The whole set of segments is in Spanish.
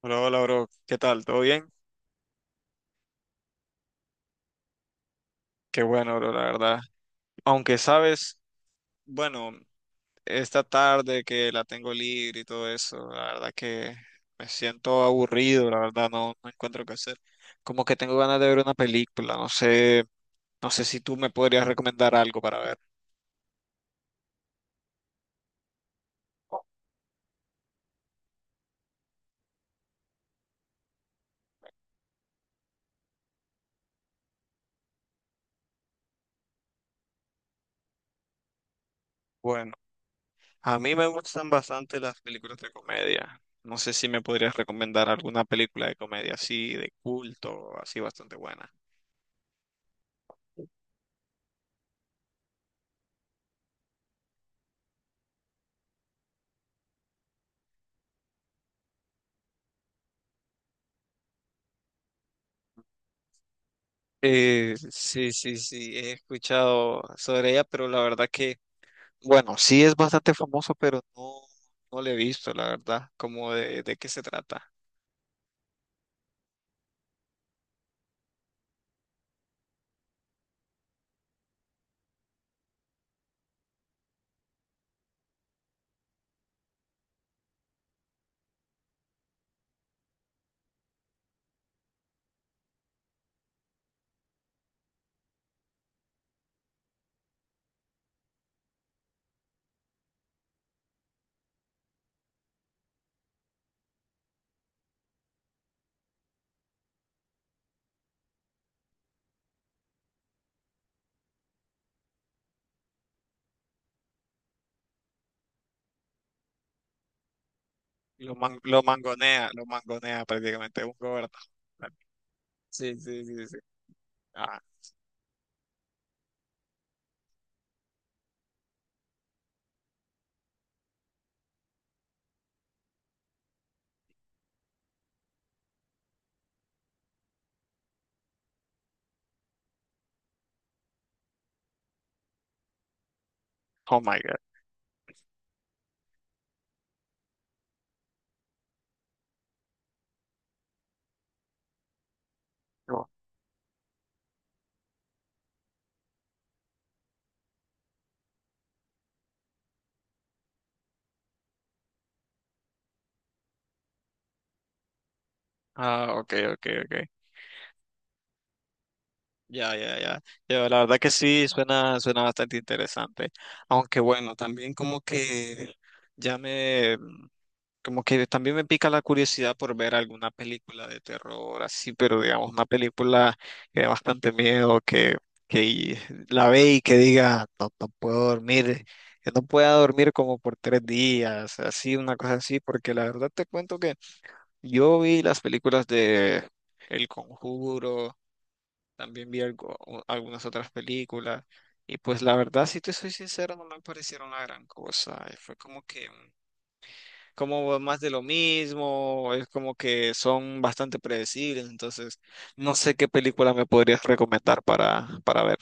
Hola, hola, bro. ¿Qué tal? ¿Todo bien? Qué bueno, bro, la verdad. Aunque sabes, bueno, esta tarde que la tengo libre y todo eso, la verdad que me siento aburrido, la verdad, no, no encuentro qué hacer. Como que tengo ganas de ver una película, no sé, no sé si tú me podrías recomendar algo para ver. Bueno, a mí me gustan bastante las películas de comedia. No sé si me podrías recomendar alguna película de comedia así, de culto, así bastante buena. Sí, sí, sí, he escuchado sobre ella, pero la verdad que, bueno, sí es bastante famoso, pero no, no le he visto, la verdad, como de qué se trata. Lo mangonea, lo mangonea prácticamente un gobernador. Sí, sí, sí, sí. Ah, oh my God. No. Ah, ok, ok, ok. Ya, ya, ya. Ya, la verdad que sí, suena, suena bastante interesante. Aunque bueno, también como que ya me, como que también me pica la curiosidad por ver alguna película de terror así, pero digamos una película que da bastante miedo, que y- la ve y que diga, no, no puedo dormir, que no pueda dormir como por tres días, así, una cosa así, porque la verdad te cuento que yo vi las películas de El Conjuro, también vi algunas otras películas, y pues la verdad, si te soy sincero, no me parecieron la gran cosa, y fue como que como más de lo mismo, es como que son bastante predecibles, entonces no sé qué película me podrías recomendar para ver.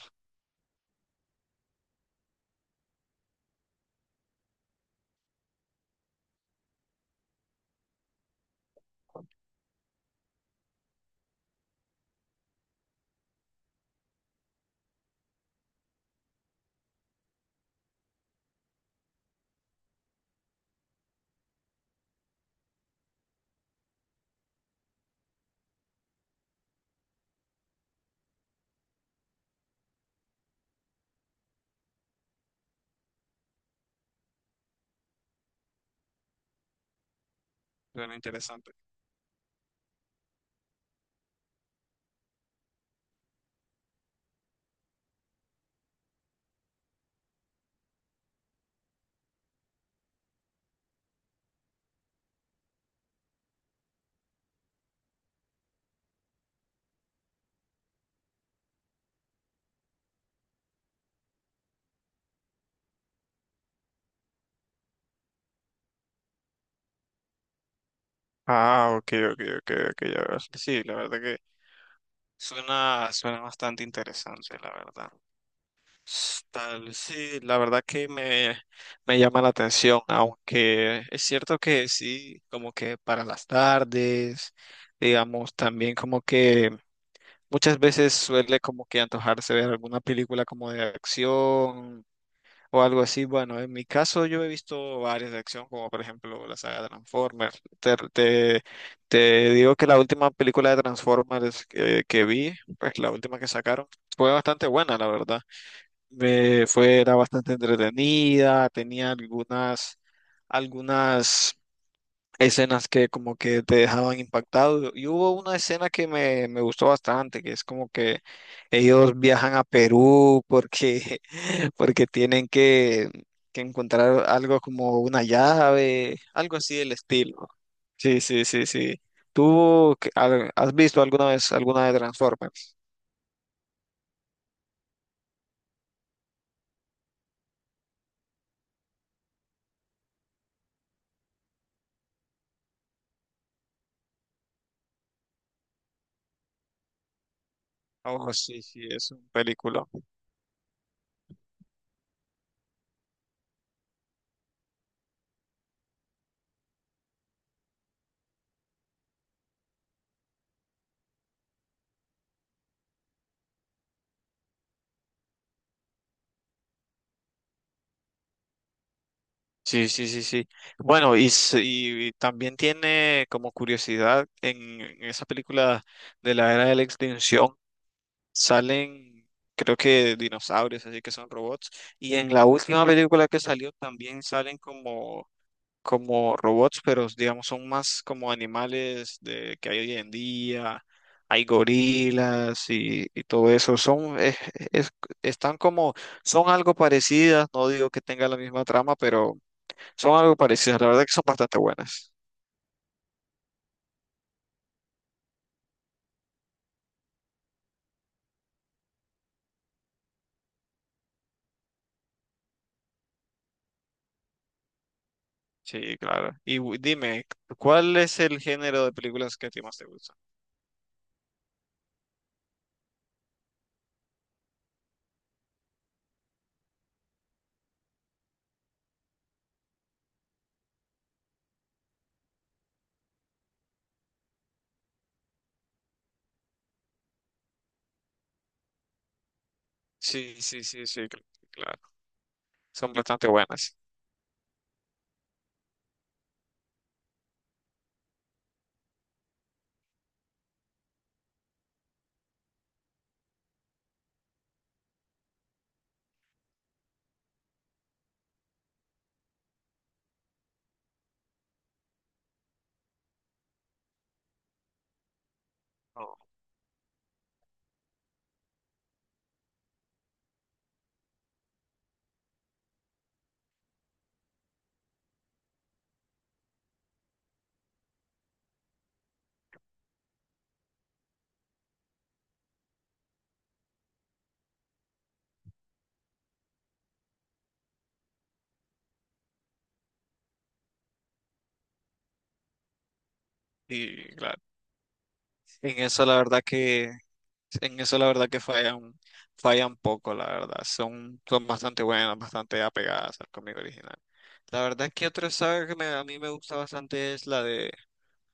Suena interesante. Ah, ok, ok, ok, ok, ya veo. Sí, la verdad que suena, suena bastante interesante, la verdad. Tal, sí, la verdad que me llama la atención, aunque es cierto que sí, como que para las tardes, digamos, también como que muchas veces suele como que antojarse ver alguna película como de acción o algo así. Bueno, en mi caso yo he visto varias de acción, como por ejemplo la saga Transformers. Te digo que la última película de Transformers que vi, pues la última que sacaron, fue bastante buena, la verdad. Me fue, era bastante entretenida, tenía algunas, algunas escenas que como que te dejaban impactado. Y hubo una escena que me gustó bastante, que es como que ellos viajan a Perú porque, porque tienen que encontrar algo como una llave, algo así del estilo. Sí, sí, sí, sí. Has visto alguna vez alguna de Transformers? Oh, sí, sí, es un película. Sí, sí, sí, sí. Bueno, y también tiene como curiosidad, en esa película de la era de la extinción salen, creo que dinosaurios, así que son robots. Y en la última película que salió también salen como, como robots, pero digamos son más como animales de, que hay hoy en día. Hay gorilas y todo eso. Es- Están como, son algo parecidas. No digo que tenga la misma trama, pero son algo parecidas, la verdad que son bastante buenas. Sí, claro. Dime, ¿cuál es el género de películas que a ti más te gusta? Sí, sí, sí, sí, claro. Son bastante buenas. Oh, y claro. En eso la verdad que, en eso la verdad que fallan, fallan poco, la verdad. Son, son bastante buenas, bastante apegadas al cómic original. La verdad que otra saga que me- A mí me gusta bastante es la de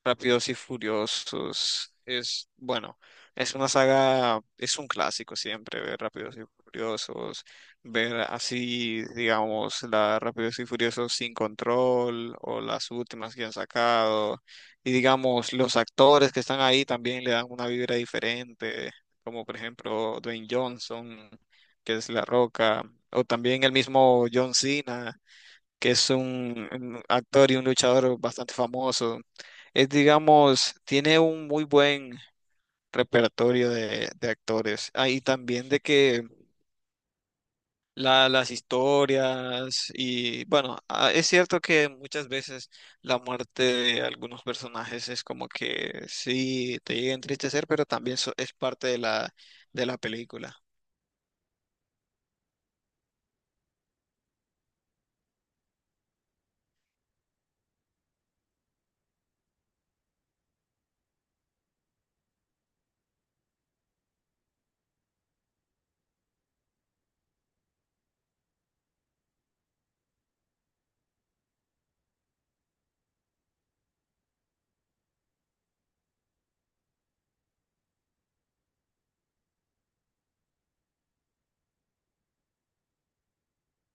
Rápidos y Furiosos es, bueno, es una saga, es un clásico siempre ver Rápidos y Furiosos, ver así, digamos, la Rápidos y Furiosos sin control o las últimas que han sacado. Y digamos, los actores que están ahí también le dan una vibra diferente, como por ejemplo Dwayne Johnson, que es La Roca, o también el mismo John Cena que es un actor y un luchador bastante famoso. Es, digamos, tiene un muy buen repertorio de actores. Ah, y también de que las historias y, bueno, ah, es cierto que muchas veces la muerte de algunos personajes es como que sí te llega a entristecer, pero también es parte de la película.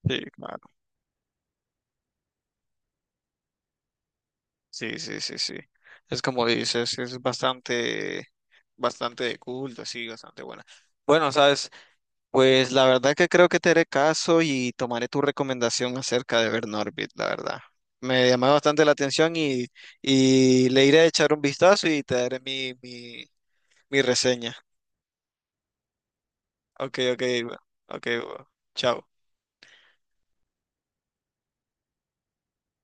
Sí, claro. Sí, sí, sí, sí. Es como dices, es bastante bastante cool, así, bastante buena. Bueno, sabes, pues la verdad que creo que te haré caso y tomaré tu recomendación acerca de ver Norbit, la verdad. Me llamó bastante la atención y le iré a echar un vistazo y te daré mi, mi, mi reseña. Ok, ok, ok, chao.